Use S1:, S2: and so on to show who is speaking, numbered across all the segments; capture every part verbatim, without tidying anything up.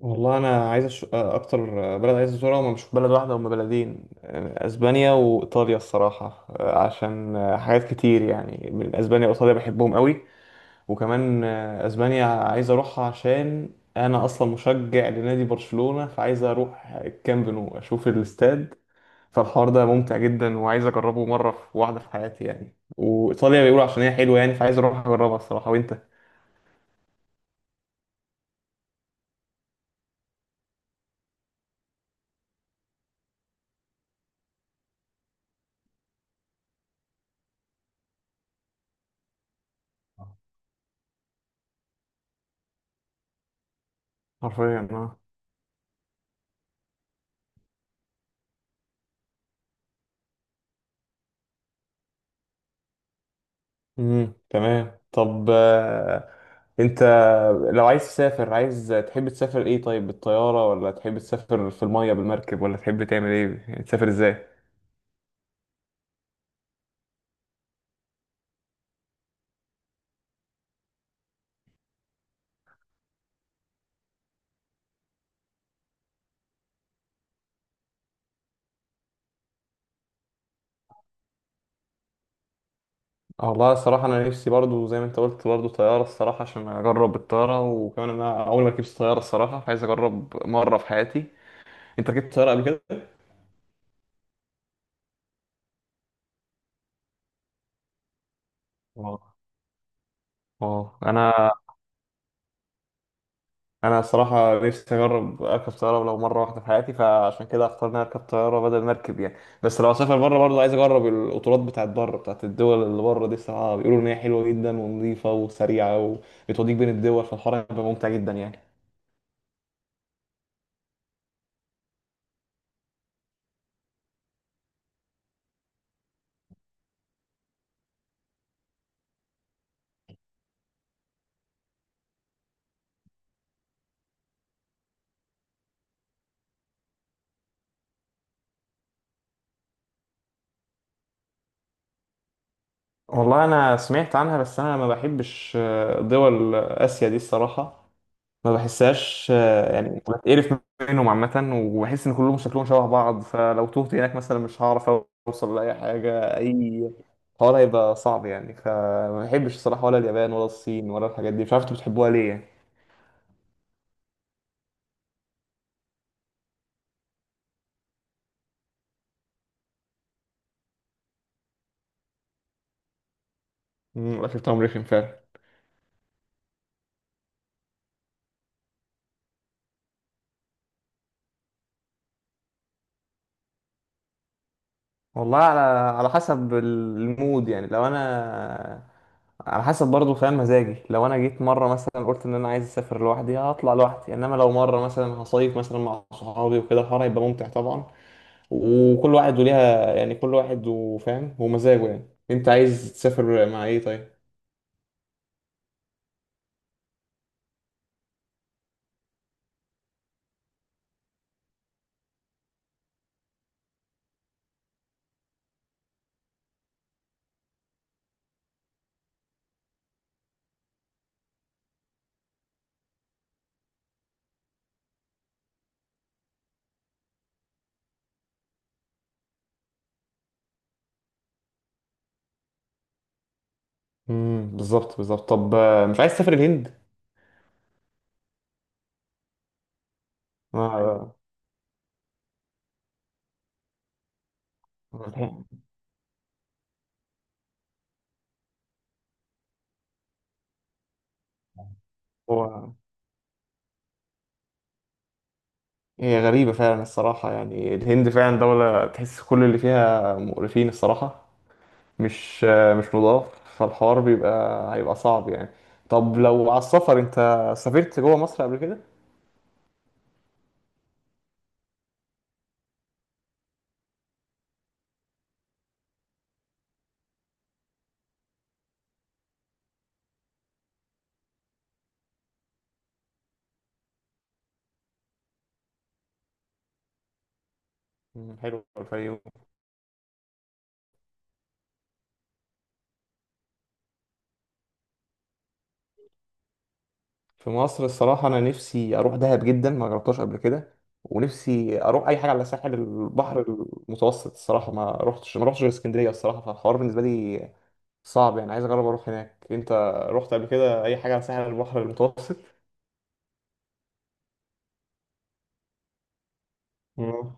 S1: والله انا عايز أش... اكتر بلد عايز ازورها، هم مش بلد واحده، هم بلدين، آه، اسبانيا وايطاليا الصراحه، آه، عشان حاجات كتير يعني، من اسبانيا وايطاليا بحبهم قوي. وكمان آه، اسبانيا عايز اروحها، عشان انا اصلا مشجع لنادي برشلونه، فعايز اروح الكامب نو اشوف الاستاد، فالحوار ده ممتع جدا، وعايز اجربه مره في واحده في حياتي يعني. وايطاليا بيقولوا عشان هي حلوه يعني، فعايز اروح اجربها الصراحه. وانت؟ حرفيا آه. امم، تمام. طب آه، انت لو عايز تسافر، عايز تحب تسافر ايه؟ طيب، بالطيارة ولا تحب تسافر في المية بالمركب، ولا تحب تعمل ايه يعني؟ تسافر ازاي؟ اه، والله الصراحة أنا نفسي برضو زي ما أنت قلت، برضو طيارة، الصراحة عشان أجرب الطيارة. وكمان أنا أول ما ركبت طيارة الصراحة، عايز أجرب مرة في حياتي. أنت ركبت طيارة قبل كده؟ اه، اه. أنا انا الصراحه نفسي اجرب اركب طياره لو مره واحده في حياتي، فعشان كده اختار ان أنا اركب طياره بدل ما اركب يعني. بس لو اسافر بره، برضه عايز اجرب القطارات بتاعت بره، بتاعت الدول اللي بره دي، الصراحه بيقولوا ان هي حلوه جدا ونظيفه وسريعه، وبتوديك بين الدول، فالحوار هيبقى ممتع جدا يعني. والله انا سمعت عنها، بس انا ما بحبش آه، دول اسيا دي الصراحه. ما بحسهاش آه، يعني، بتقرف منهم عامة، وبحس إن كلهم شكلهم شبه بعض، فلو تهت هناك مثلا مش هعرف أوصل لأي حاجة. أي حوار هيبقى صعب يعني، فما بحبش الصراحة، ولا اليابان ولا الصين ولا الحاجات دي. مش عارف أنتوا بتحبوها ليه يعني. أمم، الأكل بتاعهم رخم فعلا. والله، على على حسب المود يعني. لو أنا، على حسب برضه فاهم مزاجي، لو انا جيت مره مثلا قلت ان انا عايز اسافر لوحدي، هطلع لوحدي. انما لو مره مثلا هصيف مثلا مع صحابي وكده، الحوار هيبقى ممتع طبعا. وكل واحد وليها يعني، كل واحد وفاهم ومزاجه يعني. انت عايز تسافر مع ايه طيب؟ امم، بالظبط، بالظبط. طب آه، مش عايز تسافر الهند؟ آه. آه. هو هي غريبة فعلا الصراحة. يعني الهند فعلا دولة تحس كل اللي فيها مقرفين الصراحة، مش آه، مش نضاف، فالحوار بيبقى هيبقى صعب يعني. طب لو على السفر، انت سافرت جوه مصر قبل كده؟ مم، حلو الفيوم. في مصر الصراحة أنا نفسي أروح دهب جدا، ما جربتهاش قبل كده. ونفسي أروح أي حاجة على ساحل البحر المتوسط الصراحة. ما رحتش ما رحتش غير اسكندرية الصراحة، فالحوار بالنسبة لي صعب يعني، عايز أجرب أروح هناك. أنت رحت قبل كده أي حاجة على ساحل البحر المتوسط؟ مم.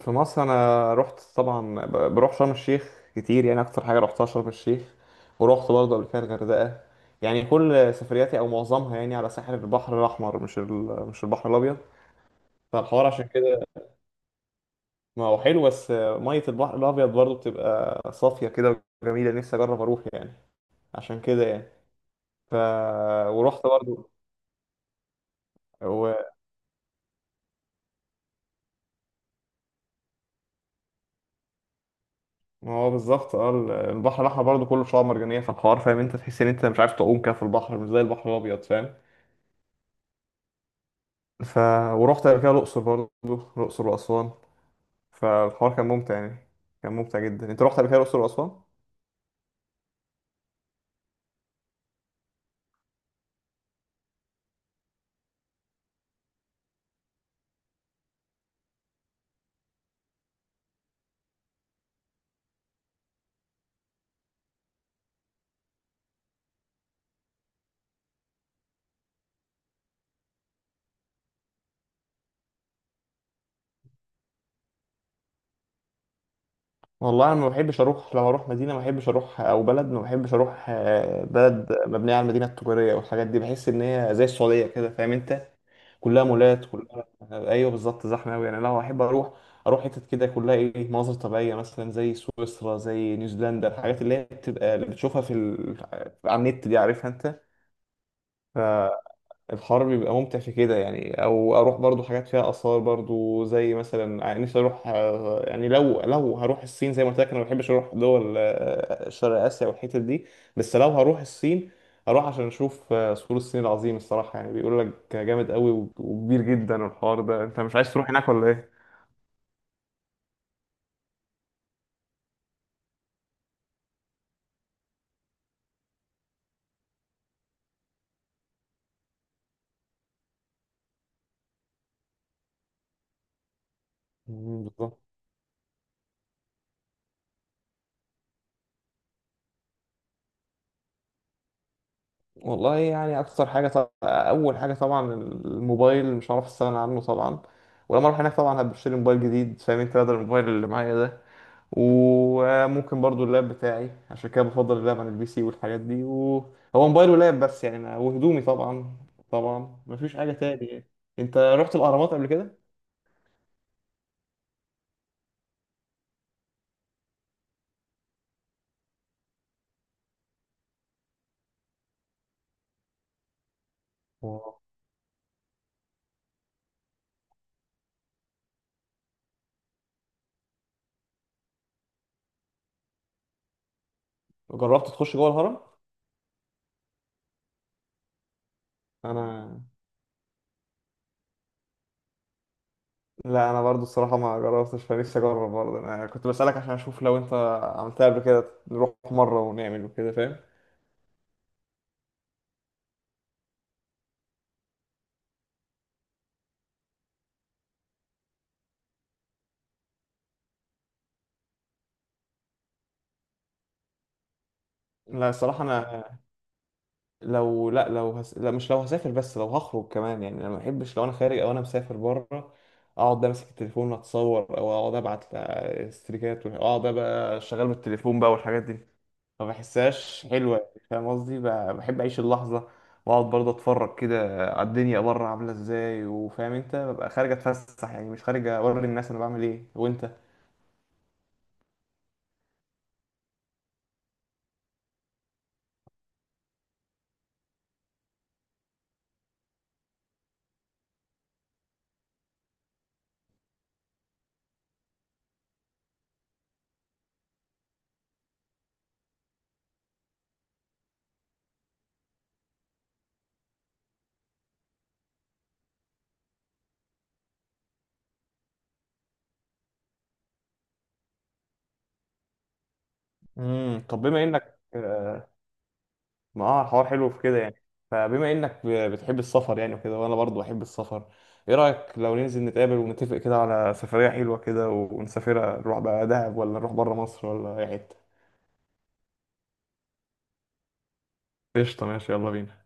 S1: في مصر أنا رحت طبعا، ب- بروح شرم الشيخ كتير يعني، أكتر حاجة رحتها شرم الشيخ. ورحت برضه قبل كده الغردقة، يعني كل سفرياتي أو معظمها يعني على ساحل البحر الأحمر، مش ال- مش البحر الأبيض. فالحوار عشان كده، ما هو حلو، بس مية البحر الأبيض برضه بتبقى صافية كده وجميلة، نفسي أجرب أروح يعني، عشان كده يعني. ف ورحت برضه. هو ما هو بالظبط. اه ال- البحر الأحمر برضه كله شعاب مرجانية في الحوار، فاهم أنت، تحس إن أنت مش عارف تعوم كده في البحر، مش زي البحر الأبيض، فاهم. ف ورحت قبل كده الأقصر برضه، الأقصر وأسوان، فالحوار كان ممتع يعني، كان ممتع جدا. أنت رحت قبل كده الأقصر وأسوان؟ والله انا ما بحبش اروح، لو اروح مدينه ما بحبش اروح، او بلد ما بحبش اروح، آه، بلد مبنيه على المدينه التجاريه والحاجات دي. بحس ان هي زي السعوديه كده، فاهم انت، كلها مولات، كلها آه، ايوه بالظبط، زحمه قوي يعني. لو احب اروح، اروح حتت كده كلها ايه، مناظر طبيعيه مثلا زي سويسرا، زي نيوزيلندا، الحاجات اللي هي بتبقى اللي بتشوفها في ال... على النت دي، عارفها انت. الحر بيبقى ممتع في كده يعني. او اروح برضو حاجات فيها اثار برضو، زي مثلا يعني نفسي اروح آه، يعني لو، لو هروح الصين، زي ما قلت لك انا ما بحبش اروح دول آه، شرق اسيا والحتت دي. بس لو هروح الصين، هروح عشان اشوف آه، سور الصين العظيم الصراحه، يعني بيقول لك جامد قوي وكبير جدا الحوار ده. انت مش عايز تروح هناك ولا ايه؟ مم، بالظبط. والله يعني اكتر حاجه طبعا، اول حاجه طبعا الموبايل، مش هعرف استغنى عنه طبعا. ولما اروح هناك طبعا هبقى اشتري موبايل جديد فاهم انت، بدل الموبايل اللي معايا ده. وممكن برضو اللاب بتاعي، عشان كده بفضل اللاب عن البي سي والحاجات دي، وهو موبايل ولاب بس يعني، أنا وهدومي طبعا، طبعا مفيش حاجة تاني يعني. انت رحت الأهرامات قبل كده؟ واو. جربت تخش جوه الهرم؟ انا لا، انا برضو الصراحة ما جربتش، فنفسي اجرب برضو. انا كنت بسألك عشان اشوف لو انت عملتها قبل كده، نروح مرة ونعمل وكده، فاهم؟ لا الصراحة انا، لو لا، لو هس... لا، مش لو هسافر، بس لو هخرج كمان يعني. انا ما بحبش لو انا خارج او انا مسافر بره اقعد امسك التليفون اتصور، او اقعد ابعت ستريكات واقعد بقى شغال بالتليفون بقى والحاجات دي، ما بحسهاش حلوه يعني، فاهم قصدي؟ ب- بحب اعيش اللحظه، واقعد برضه اتفرج كده على الدنيا بره عامله ازاي، وفاهم انت ببقى خارج اتفسح يعني، مش خارج اوري الناس انا بعمل ايه. وانت؟ امم، طب بما انك، ما اه الحوار حلو في كده يعني. فبما انك ب- بتحب السفر يعني وكده، وانا برضو بحب السفر، ايه رأيك لو ننزل نتقابل ونتفق كده على سفرية حلوة كده ونسافرها، نروح بقى دهب، ولا نروح بره مصر، ولا اي حتة؟ قشطة، ماشي، يلا بينا.